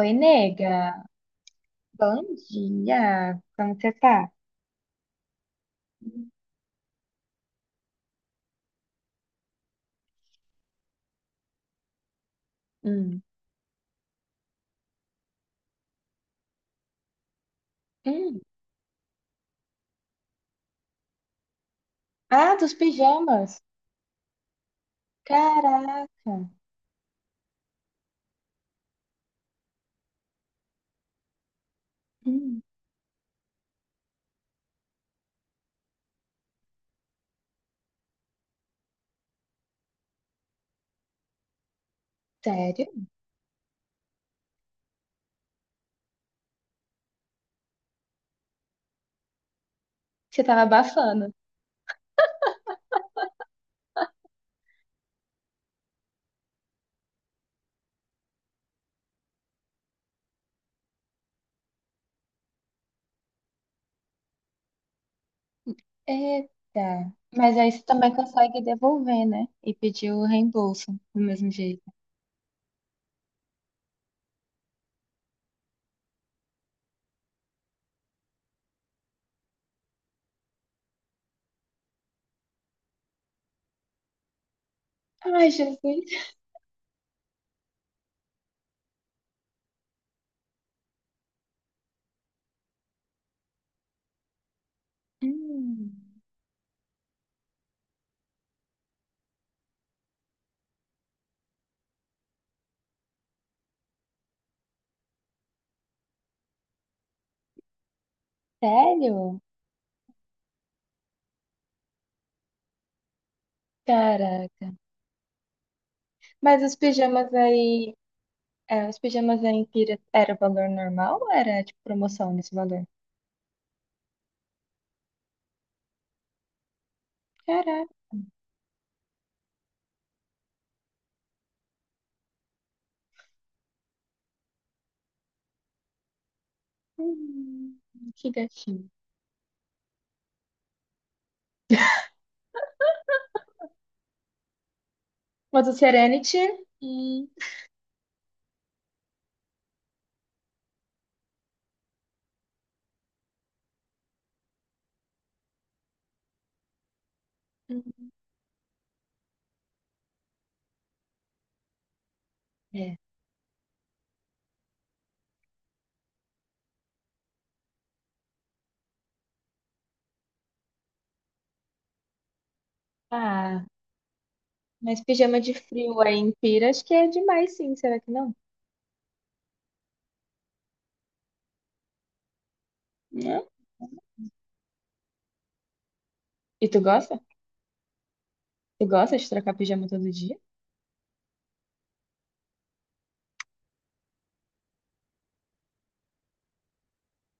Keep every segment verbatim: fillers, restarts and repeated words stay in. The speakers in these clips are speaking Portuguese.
Oi, nega. Bom dia. Como você tá? Hum. Hum. Ah, dos pijamas. Caraca. Hum. Sério? Você tava abafando. Eita. Mas aí você também consegue devolver, né? E pedir o reembolso do mesmo jeito. Ai, Jesus. Hum. Sério? Caraca. Mas os pijamas aí. É, os pijamas aí em pira era o valor normal ou era tipo promoção nesse valor? Hum, que gatinho. Mas o Serenity. Hum, hum, é. Ah, mas pijama de frio aí em pira, acho que é demais, sim. Será que não? Não. E tu gosta? Tu gosta de trocar pijama todo dia?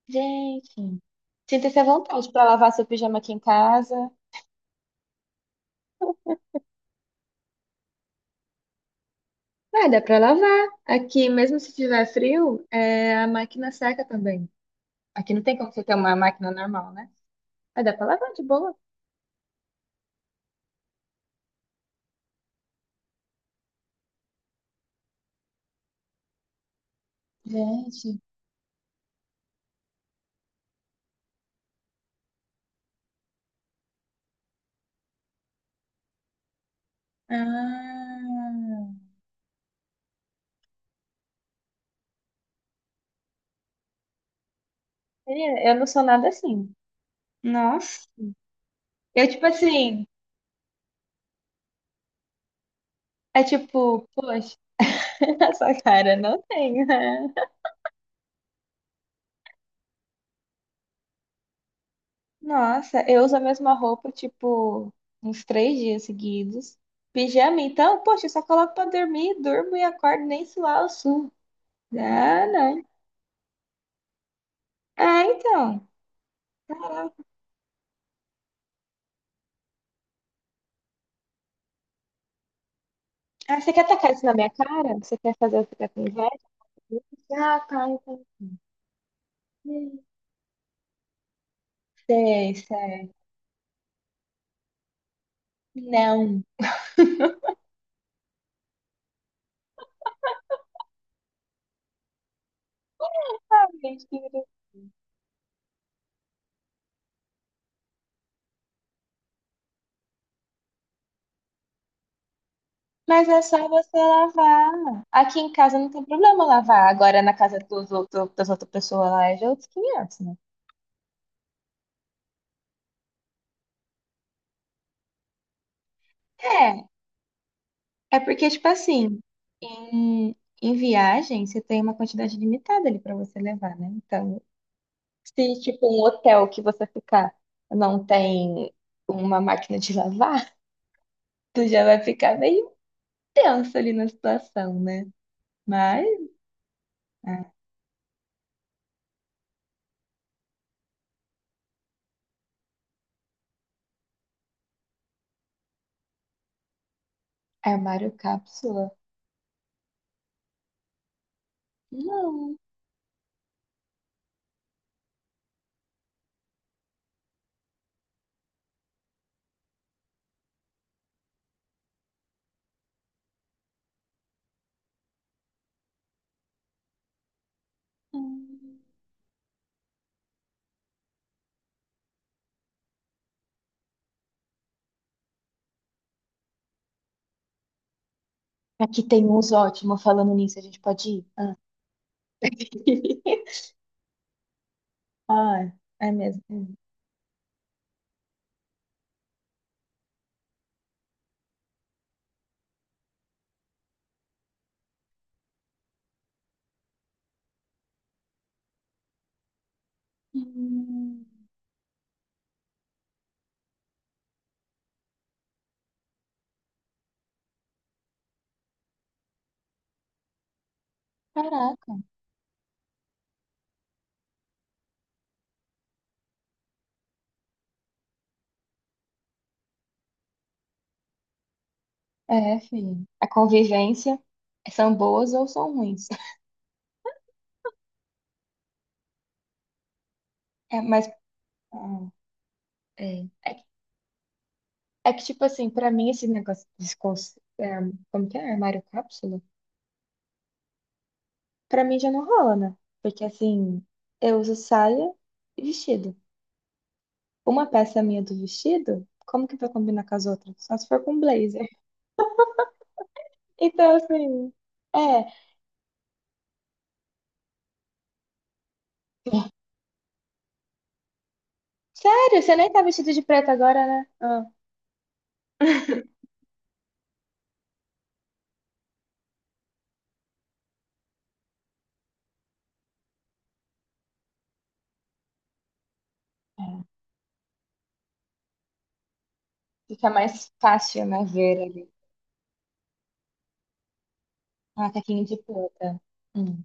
Gente, sinta-se à vontade para lavar seu pijama aqui em casa. Ah, dá pra lavar. Aqui, mesmo se tiver frio, é, a máquina seca também. Aqui não tem como você ter uma máquina normal, né? Mas dá pra lavar de boa. Gente. Ah. Menina, eu não sou nada assim. Nossa. Eu, tipo assim, é tipo, poxa, essa cara não tem, né? Nossa, eu uso a mesma roupa, tipo, uns três dias seguidos. Pijama, então, poxa, eu só coloco pra dormir, durmo e acordo nem suar o sul. Ah, não. Ah, então. Caraca. Ah, você quer atacar isso na minha cara? Você quer fazer eu ficar com inveja? Ah, tá, então. Sei, sei. Não. Ai, gente, que mas é só você lavar. Aqui em casa não tem problema lavar. Agora na casa dos outro, das outras pessoas lá é de outros quinhentos, né? É, é porque, tipo assim, em, em viagem você tem uma quantidade limitada ali pra você levar, né? Então, se tipo um hotel que você ficar não tem uma máquina de lavar, tu já vai ficar meio tenso ali na situação, né? Mas, ah, armário cápsula? Não. Não. Aqui tem uns ótimos falando nisso, a gente pode ir? Ah, é mesmo. Hum. Caraca. É, filho. A convivência são boas ou são ruins. É, mas ah, é. É, que- é que, tipo assim, pra mim esse negócio de como que é? Armário cápsula? Pra mim já não rola, né? Porque assim, eu uso saia e vestido. Uma peça minha do vestido, como que vai combinar com as outras? Só se for com blazer. Então, assim, é. Sério, você nem tá vestido de preto agora, né? Ah, é. Fica mais fácil, né, ver ali. Ah, caquinho de planta. Hum.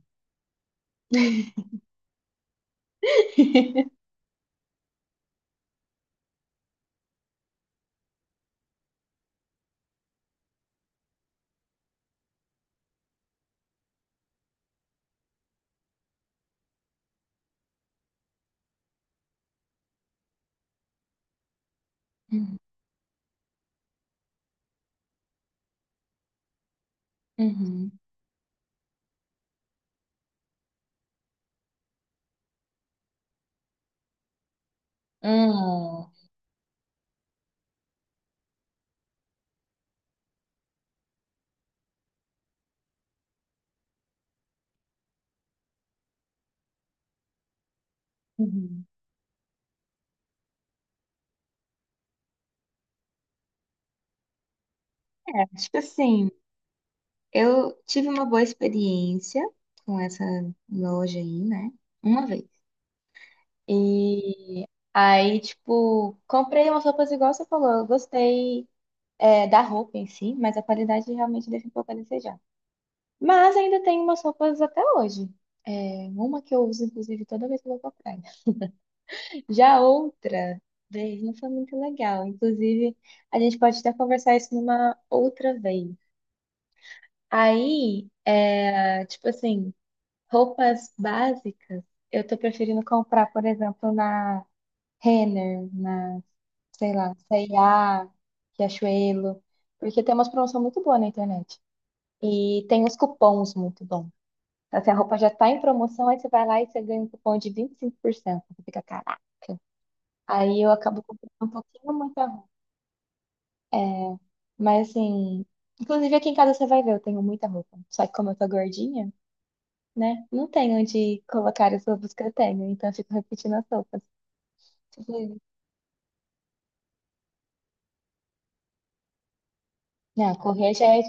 Uhum. Hum. Uhum. É, tipo assim, eu tive uma boa experiência com essa loja aí, né? Uma vez. E aí, tipo, comprei umas roupas igual você falou. Eu gostei, é, da roupa em si, mas a qualidade realmente deixa um pouco a desejar. Mas ainda tem umas roupas até hoje. É, uma que eu uso, inclusive, toda vez que eu vou pra praia. Já outra vez não foi muito legal. Inclusive, a gente pode até conversar isso numa outra vez. Aí, é, tipo assim, roupas básicas, eu tô preferindo comprar, por exemplo, na Renner, na, sei lá, C e A, Riachuelo, porque tem umas promoções muito boas na internet. E tem uns cupons muito bons. Então, assim, a roupa já tá em promoção, aí você vai lá e você ganha um cupom de vinte e cinco por cento. Você fica, caraca. Aí eu acabo comprando um pouquinho muita roupa. É, mas assim, inclusive aqui em casa você vai ver, eu tenho muita roupa. Só que como eu tô gordinha, né? Não tenho onde colocar as roupas que eu tenho. Então eu fico repetindo as roupas. Tipo, não, correr já é.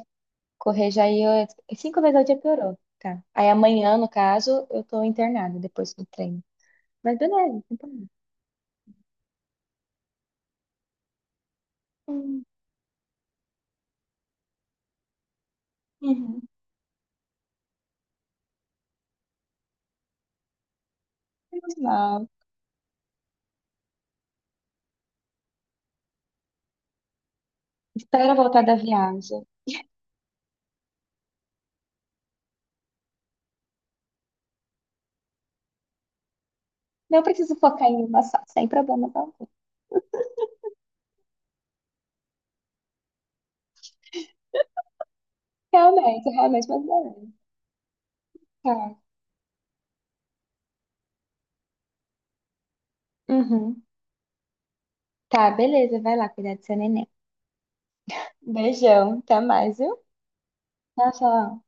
Correr já ia. Cinco vezes ao dia piorou. Tá. Aí amanhã, no caso, eu tô internada depois do treino. Mas beleza, então. Uhum. Uhum. Menos mal. Então era voltar da viagem. Não preciso focar em uma só, sem problema algum. Realmente, realmente, mas beleza. Tá. Uhum. Tá, beleza, vai lá cuidar do seu neném. Beijão, até mais, viu? Tchau, tchau.